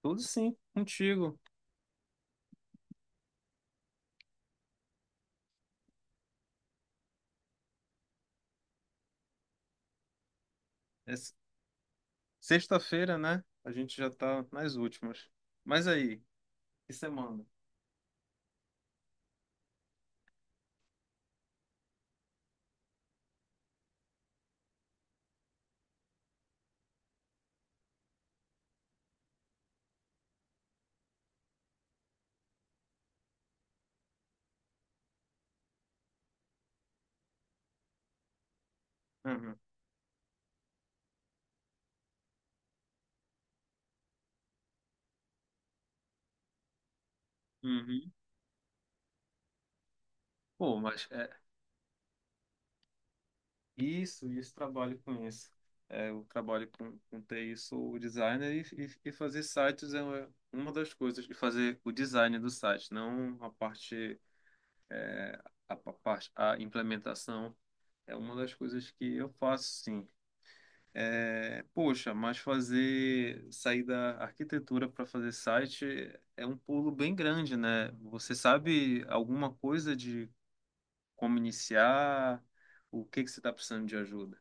Tudo sim, contigo. É s- Sexta-feira, né? A gente já tá nas últimas. Mas aí, que semana? Uhum. Uhum. Pô, mas é isso, trabalho com isso. É, eu trabalho com TI, sou o designer e fazer sites é uma das coisas, e fazer o design do site, não a parte, a implementação, é uma das coisas que eu faço, sim. Poxa, mas fazer sair da arquitetura para fazer site é um pulo bem grande, né? Você sabe alguma coisa de como iniciar? O que que você está precisando de ajuda?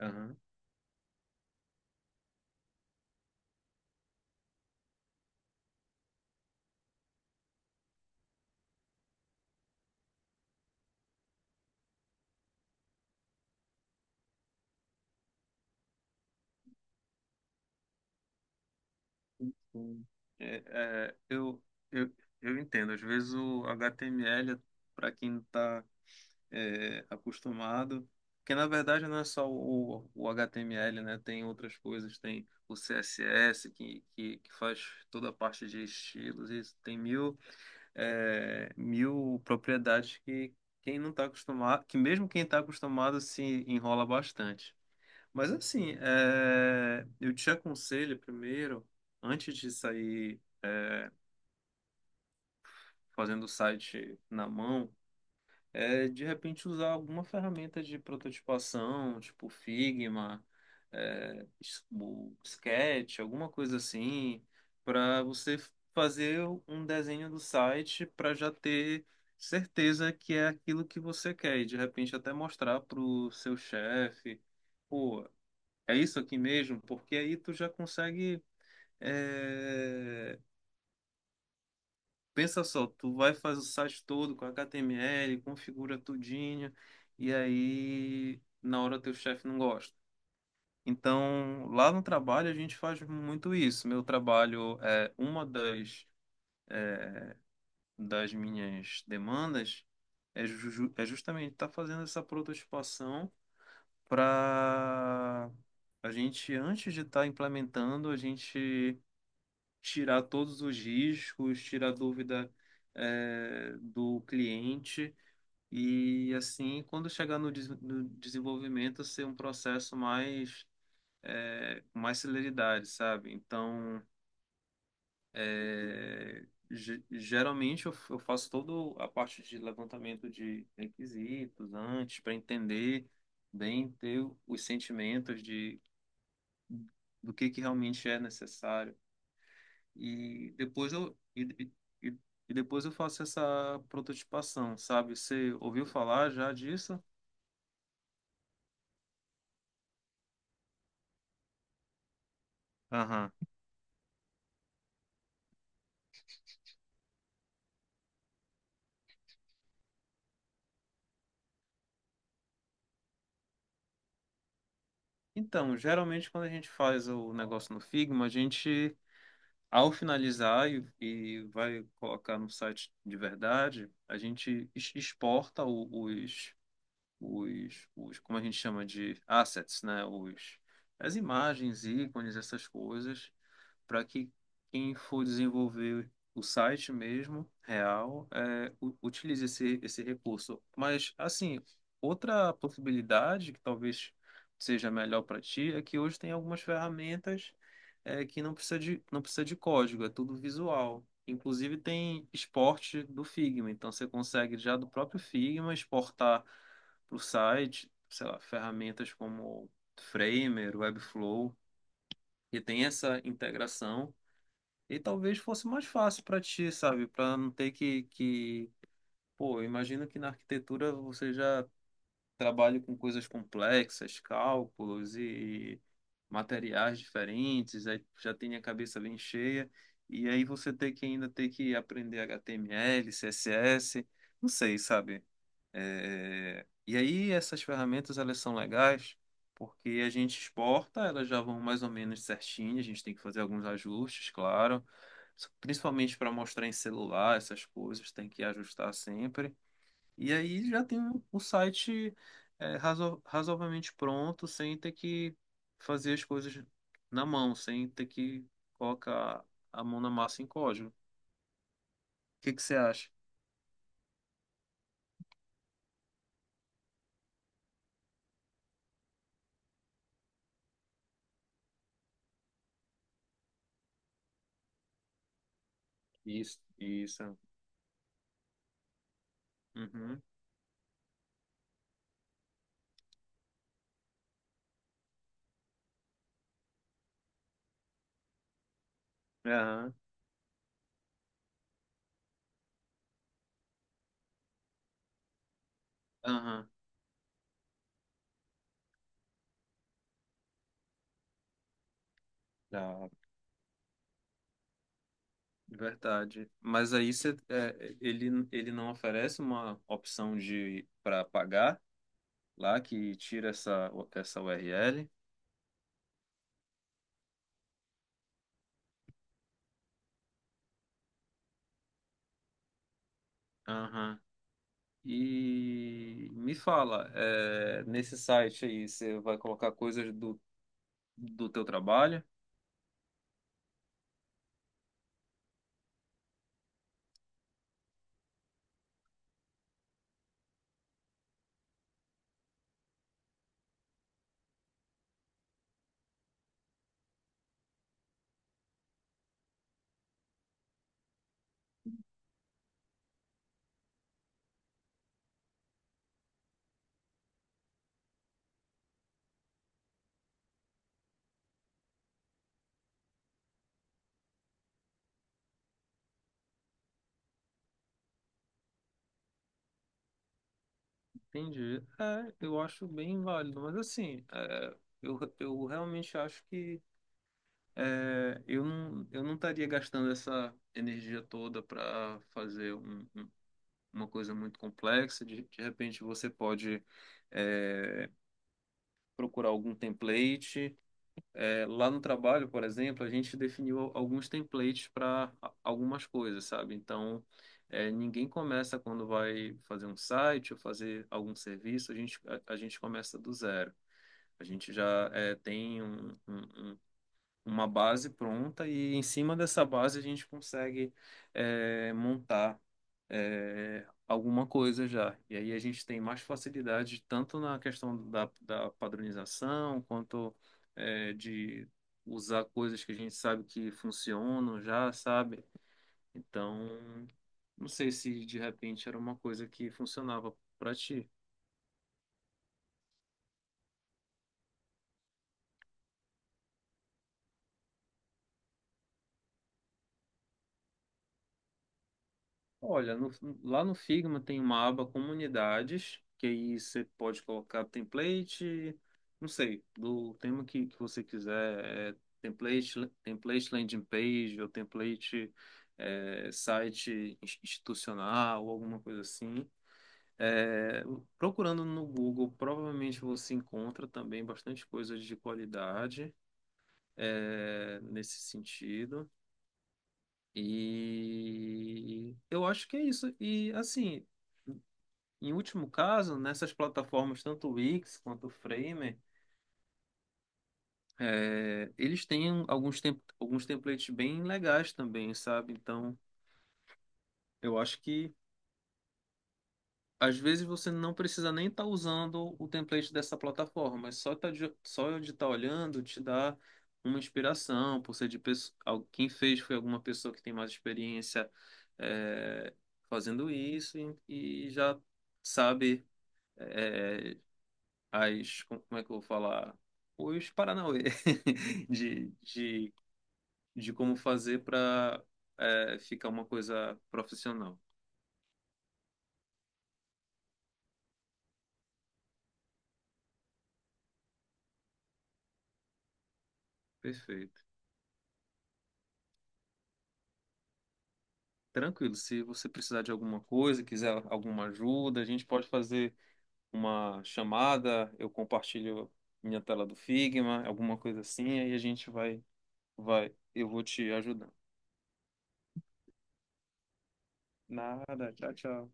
Aham. Sim. É, é, eu, eu, eu entendo. Às vezes o HTML, para quem está é, acostumado. Porque na verdade não é só o HTML, né? Tem outras coisas, tem o CSS que faz toda a parte de estilos, e tem mil propriedades que quem não está acostumado, que mesmo quem está acostumado se enrola bastante. Mas assim, eu te aconselho primeiro, antes de sair fazendo o site na mão, de repente usar alguma ferramenta de prototipação, tipo Figma, o Sketch, alguma coisa assim, para você fazer um desenho do site para já ter certeza que é aquilo que você quer e de repente até mostrar para o seu chefe, pô, é isso aqui mesmo, porque aí tu já consegue é, Pensa só, tu vai fazer o site todo com HTML, configura tudinho, e aí na hora teu chefe não gosta. Então, lá no trabalho a gente faz muito isso. Meu trabalho é uma das minhas demandas é justamente estar fazendo essa prototipação para a gente, antes de estar implementando, a gente tirar todos os riscos, tirar a dúvida, do cliente. E assim, quando chegar no desenvolvimento, ser um processo mais, com mais celeridade, sabe? Então, geralmente eu faço toda a parte de levantamento de requisitos antes, para entender bem, ter os sentimentos de, do que realmente é necessário. E depois eu, e, e depois eu faço essa prototipação, sabe? Você ouviu falar já disso? Aham. Então, geralmente quando a gente faz o negócio no Figma, a gente, ao finalizar e vai colocar no site de verdade, a gente exporta como a gente chama de assets, né? Os, as imagens, ícones, essas coisas, para que quem for desenvolver o site mesmo, real, utilize esse recurso. Mas, assim, outra possibilidade que talvez seja melhor para ti é que hoje tem algumas ferramentas que não precisa de, não precisa de código, é tudo visual. Inclusive tem exporte do Figma, então você consegue já do próprio Figma exportar para o site, sei lá, ferramentas como Framer, Webflow, que tem essa integração e talvez fosse mais fácil para ti, sabe? Para não ter que... Pô, eu imagino que na arquitetura você já trabalha com coisas complexas, cálculos e materiais diferentes, aí já tem a cabeça bem cheia, e aí você tem que ainda ter que aprender HTML, CSS, não sei, sabe? E aí essas ferramentas elas são legais porque a gente exporta, elas já vão mais ou menos certinho, a gente tem que fazer alguns ajustes, claro, principalmente para mostrar em celular, essas coisas tem que ajustar sempre. E aí já tem um site razoavelmente pronto, sem ter que fazer as coisas na mão, sem ter que colocar a mão na massa em código. O que que você acha? Isso, isso. Uhum. Aham. Aham. Dá. Verdade. Mas aí você, ele não oferece uma opção de para pagar lá que tira essa URL. Aham. E me fala, é, nesse site aí você vai colocar coisas do teu trabalho? Entendi. É, eu acho bem válido, mas assim, eu realmente acho que eu não estaria gastando essa energia toda para fazer uma coisa muito complexa, de repente você pode é, procurar algum template. É, lá no trabalho, por exemplo, a gente definiu alguns templates para algumas coisas, sabe? Então, ninguém começa quando vai fazer um site ou fazer algum serviço, a gente começa do zero. A gente já tem um uma base pronta e em cima dessa base a gente consegue montar alguma coisa já. E aí a gente tem mais facilidade tanto na questão da padronização quanto de usar coisas que a gente sabe que funcionam já, sabe? Então, não sei se de repente era uma coisa que funcionava para ti. Olha, lá no Figma tem uma aba comunidades, que aí você pode colocar template, não sei, do tema que você quiser, é template, template landing page ou template site institucional ou alguma coisa assim. É, procurando no Google, provavelmente você encontra também bastante coisas de qualidade nesse sentido. E eu acho que é isso. E assim. Em último caso, nessas plataformas, tanto o Wix quanto o Framer, eles têm alguns templates bem legais também, sabe? Então, eu acho que às vezes você não precisa nem estar usando o template dessa plataforma, mas só, só de estar olhando te dá uma inspiração, por ser de quem fez foi alguma pessoa que tem mais experiência é, fazendo isso e já sabe é, as, como é que eu vou falar? Os Paranauê de, de, de como fazer para ficar uma coisa profissional. Perfeito. Tranquilo, se você precisar de alguma coisa, quiser alguma ajuda, a gente pode fazer uma chamada, eu compartilho minha tela do Figma, alguma coisa assim, aí a gente vai, eu vou te ajudando. Nada, tchau, tchau.